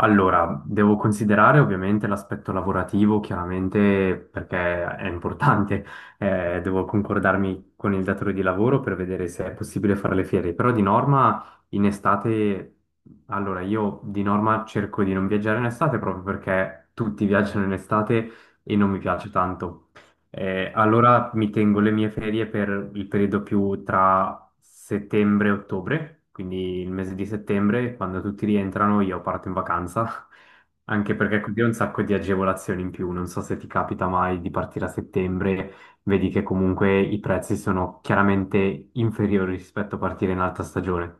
Allora, devo considerare ovviamente l'aspetto lavorativo, chiaramente perché è importante. Devo concordarmi con il datore di lavoro per vedere se è possibile fare le fiere, però di norma in estate, allora io di norma cerco di non viaggiare in estate proprio perché tutti viaggiano in estate e non mi piace tanto. Allora mi tengo le mie ferie per il periodo più tra settembre e ottobre, quindi il mese di settembre, quando tutti rientrano io parto in vacanza, anche perché così ho un sacco di agevolazioni in più, non so se ti capita mai di partire a settembre, vedi che comunque i prezzi sono chiaramente inferiori rispetto a partire in alta stagione.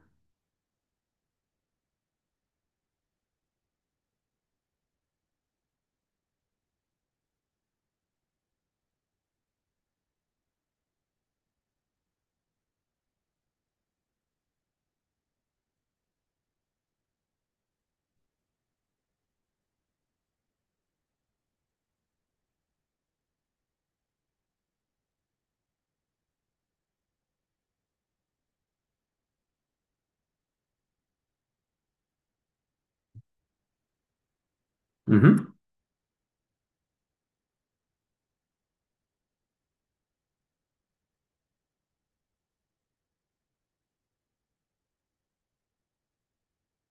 Mhm.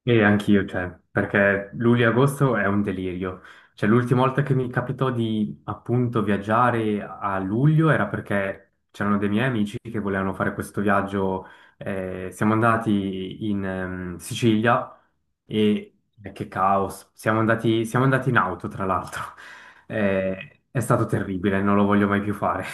E anch'io, cioè, perché luglio e agosto è un delirio. Cioè, l'ultima volta che mi capitò di appunto viaggiare a luglio era perché c'erano dei miei amici che volevano fare questo viaggio. Siamo andati in Sicilia e che caos! Siamo andati in auto, tra l'altro. È stato terribile, non lo voglio mai più fare.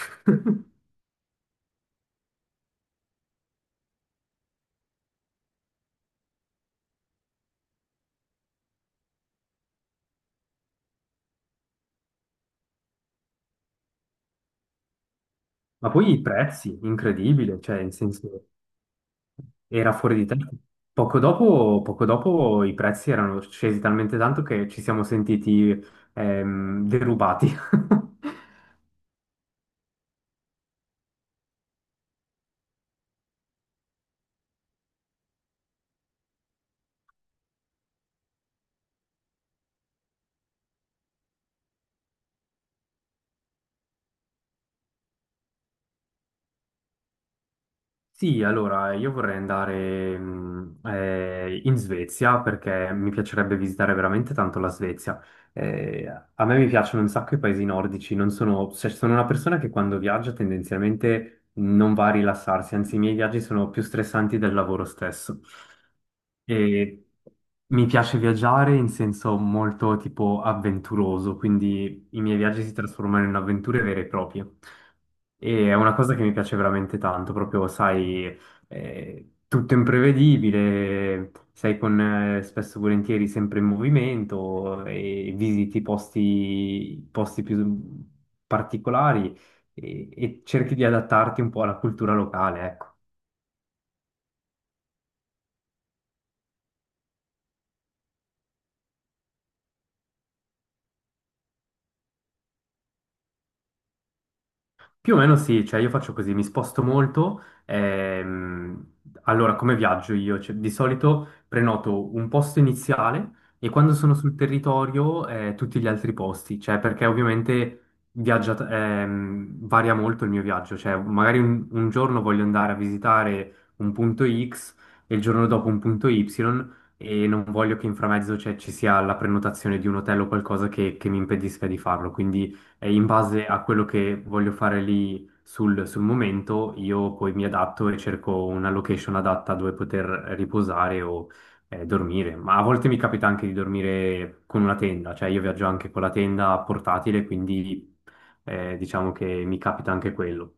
Ma poi i prezzi, incredibile, cioè, in senso. Era fuori di testa. Poco dopo i prezzi erano scesi talmente tanto che ci siamo sentiti derubati. Sì, allora io vorrei andare in Svezia perché mi piacerebbe visitare veramente tanto la Svezia. A me mi piacciono un sacco i paesi nordici, non sono, cioè, sono una persona che quando viaggia tendenzialmente non va a rilassarsi, anzi i miei viaggi sono più stressanti del lavoro stesso. E mi piace viaggiare in senso molto tipo avventuroso, quindi i miei viaggi si trasformano in avventure vere e proprie. E è una cosa che mi piace veramente tanto, proprio, sai, tutto imprevedibile, sei con spesso e volentieri sempre in movimento e visiti posti più particolari e cerchi di adattarti un po' alla cultura locale, ecco. Più o meno sì, cioè io faccio così, mi sposto molto. Allora, come viaggio io? Cioè, di solito prenoto un posto iniziale e quando sono sul territorio tutti gli altri posti, cioè perché ovviamente viaggia, varia molto il mio viaggio, cioè magari un giorno voglio andare a visitare un punto X e il giorno dopo un punto Y e non voglio che in framezzo cioè, ci sia la prenotazione di un hotel o qualcosa che mi impedisca di farlo, quindi e in base a quello che voglio fare lì sul momento, io poi mi adatto e cerco una location adatta dove poter riposare o dormire. Ma a volte mi capita anche di dormire con una tenda, cioè io viaggio anche con la tenda portatile, quindi diciamo che mi capita anche quello.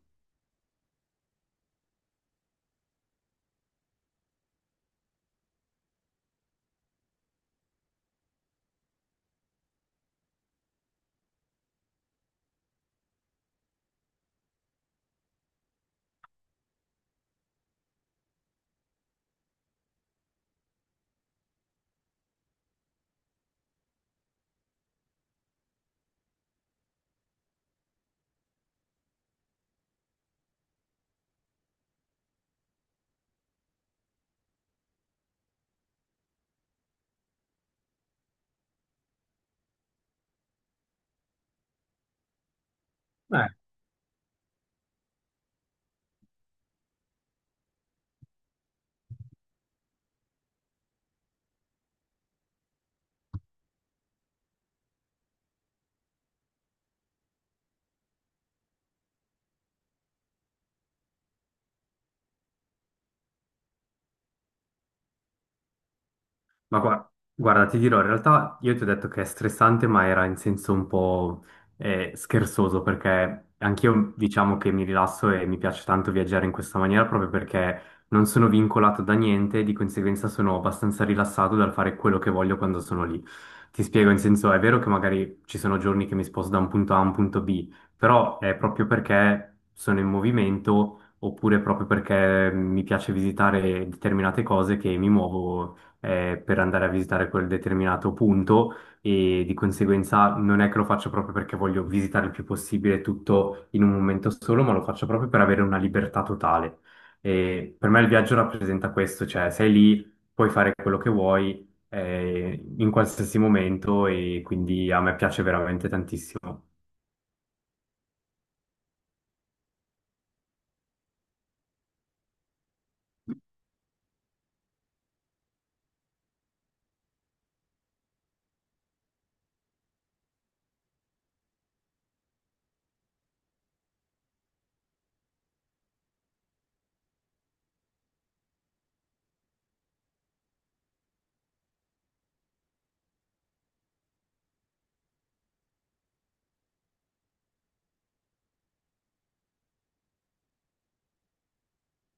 Ma guarda, ti dirò, in realtà io ti ho detto che è stressante, ma era in senso un po' scherzoso, perché anch'io diciamo che mi rilasso e mi piace tanto viaggiare in questa maniera proprio perché non sono vincolato da niente, di conseguenza sono abbastanza rilassato dal fare quello che voglio quando sono lì. Ti spiego, in senso, è vero che magari ci sono giorni che mi sposto da un punto A a un punto B, però è proprio perché sono in movimento oppure proprio perché mi piace visitare determinate cose che mi muovo per andare a visitare quel determinato punto e di conseguenza non è che lo faccio proprio perché voglio visitare il più possibile tutto in un momento solo, ma lo faccio proprio per avere una libertà totale. E per me il viaggio rappresenta questo, cioè sei lì, puoi fare quello che vuoi in qualsiasi momento e quindi a me piace veramente tantissimo.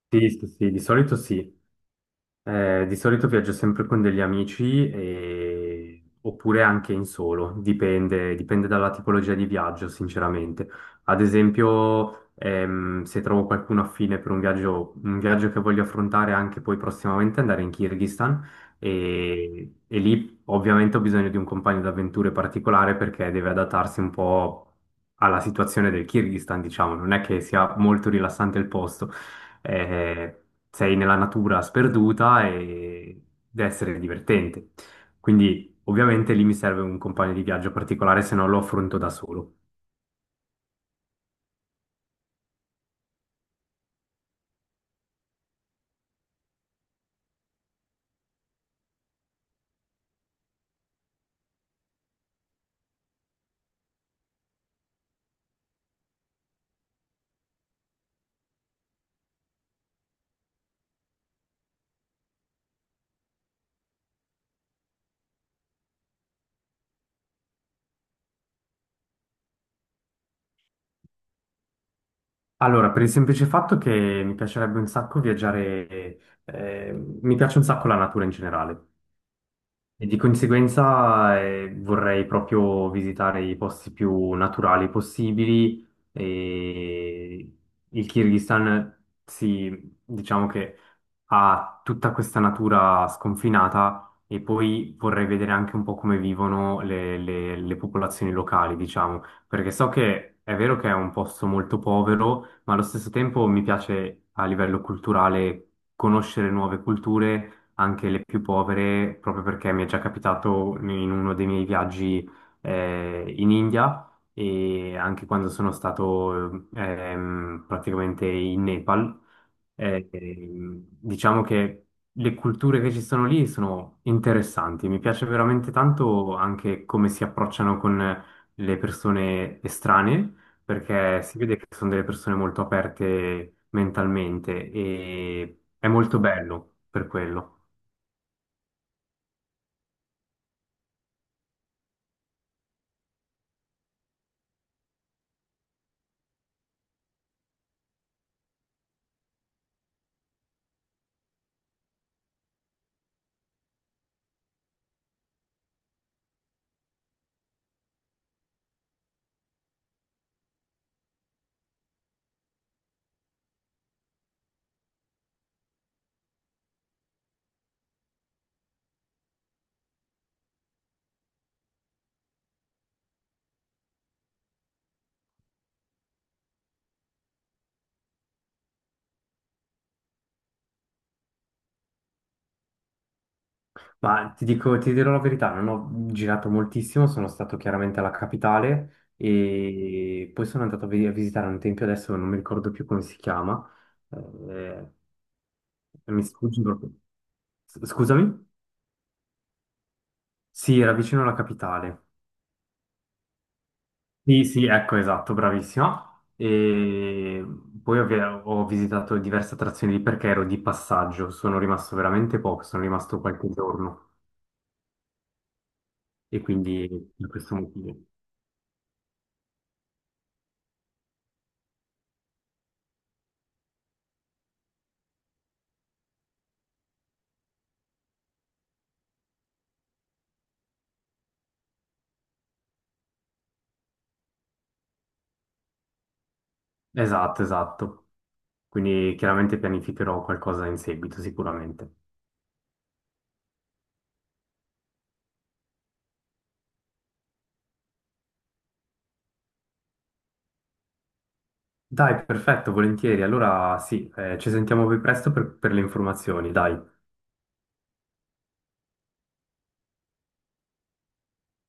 Sì, sì, sì, di solito sì. Di solito viaggio sempre con degli amici oppure anche in solo, dipende, dipende dalla tipologia di viaggio, sinceramente. Ad esempio, se trovo qualcuno affine per un viaggio che voglio affrontare anche poi prossimamente, andare in Kirghizistan e lì ovviamente ho bisogno di un compagno d'avventure particolare perché deve adattarsi un po' alla situazione del Kirghizistan, diciamo, non è che sia molto rilassante il posto, sei nella natura sperduta e deve essere divertente. Quindi ovviamente lì mi serve un compagno di viaggio particolare, se no lo affronto da solo. Allora, per il semplice fatto che mi piacerebbe un sacco viaggiare, eh, mi piace un sacco la natura in generale. E di conseguenza vorrei proprio visitare i posti più naturali possibili e il Kirghizistan si, diciamo che ha tutta questa natura sconfinata e poi vorrei vedere anche un po' come vivono le popolazioni locali, diciamo, perché so che è vero che è un posto molto povero, ma allo stesso tempo mi piace a livello culturale conoscere nuove culture anche le più povere, proprio perché mi è già capitato in uno dei miei viaggi in India e anche quando sono stato praticamente in Nepal. Diciamo che le culture che ci sono lì sono interessanti. Mi piace veramente tanto anche come si approcciano con le persone estranee, perché si vede che sono delle persone molto aperte mentalmente e è molto bello per quello. Ma ti dico, ti dirò la verità, non ho girato moltissimo, sono stato chiaramente alla capitale e poi sono andato a visitare un tempio, adesso non mi ricordo più come si chiama, eh, mi sfugge proprio. Scusami? Sì, era vicino alla capitale. Sì, sì, ecco, esatto, bravissima. E poi ho visitato diverse attrazioni lì perché ero di passaggio, sono rimasto veramente poco, sono rimasto qualche giorno e quindi per questo motivo. Esatto, esatto. Quindi chiaramente pianificherò qualcosa in seguito, sicuramente. Dai, perfetto, volentieri. Allora sì, ci sentiamo più presto per le informazioni, dai.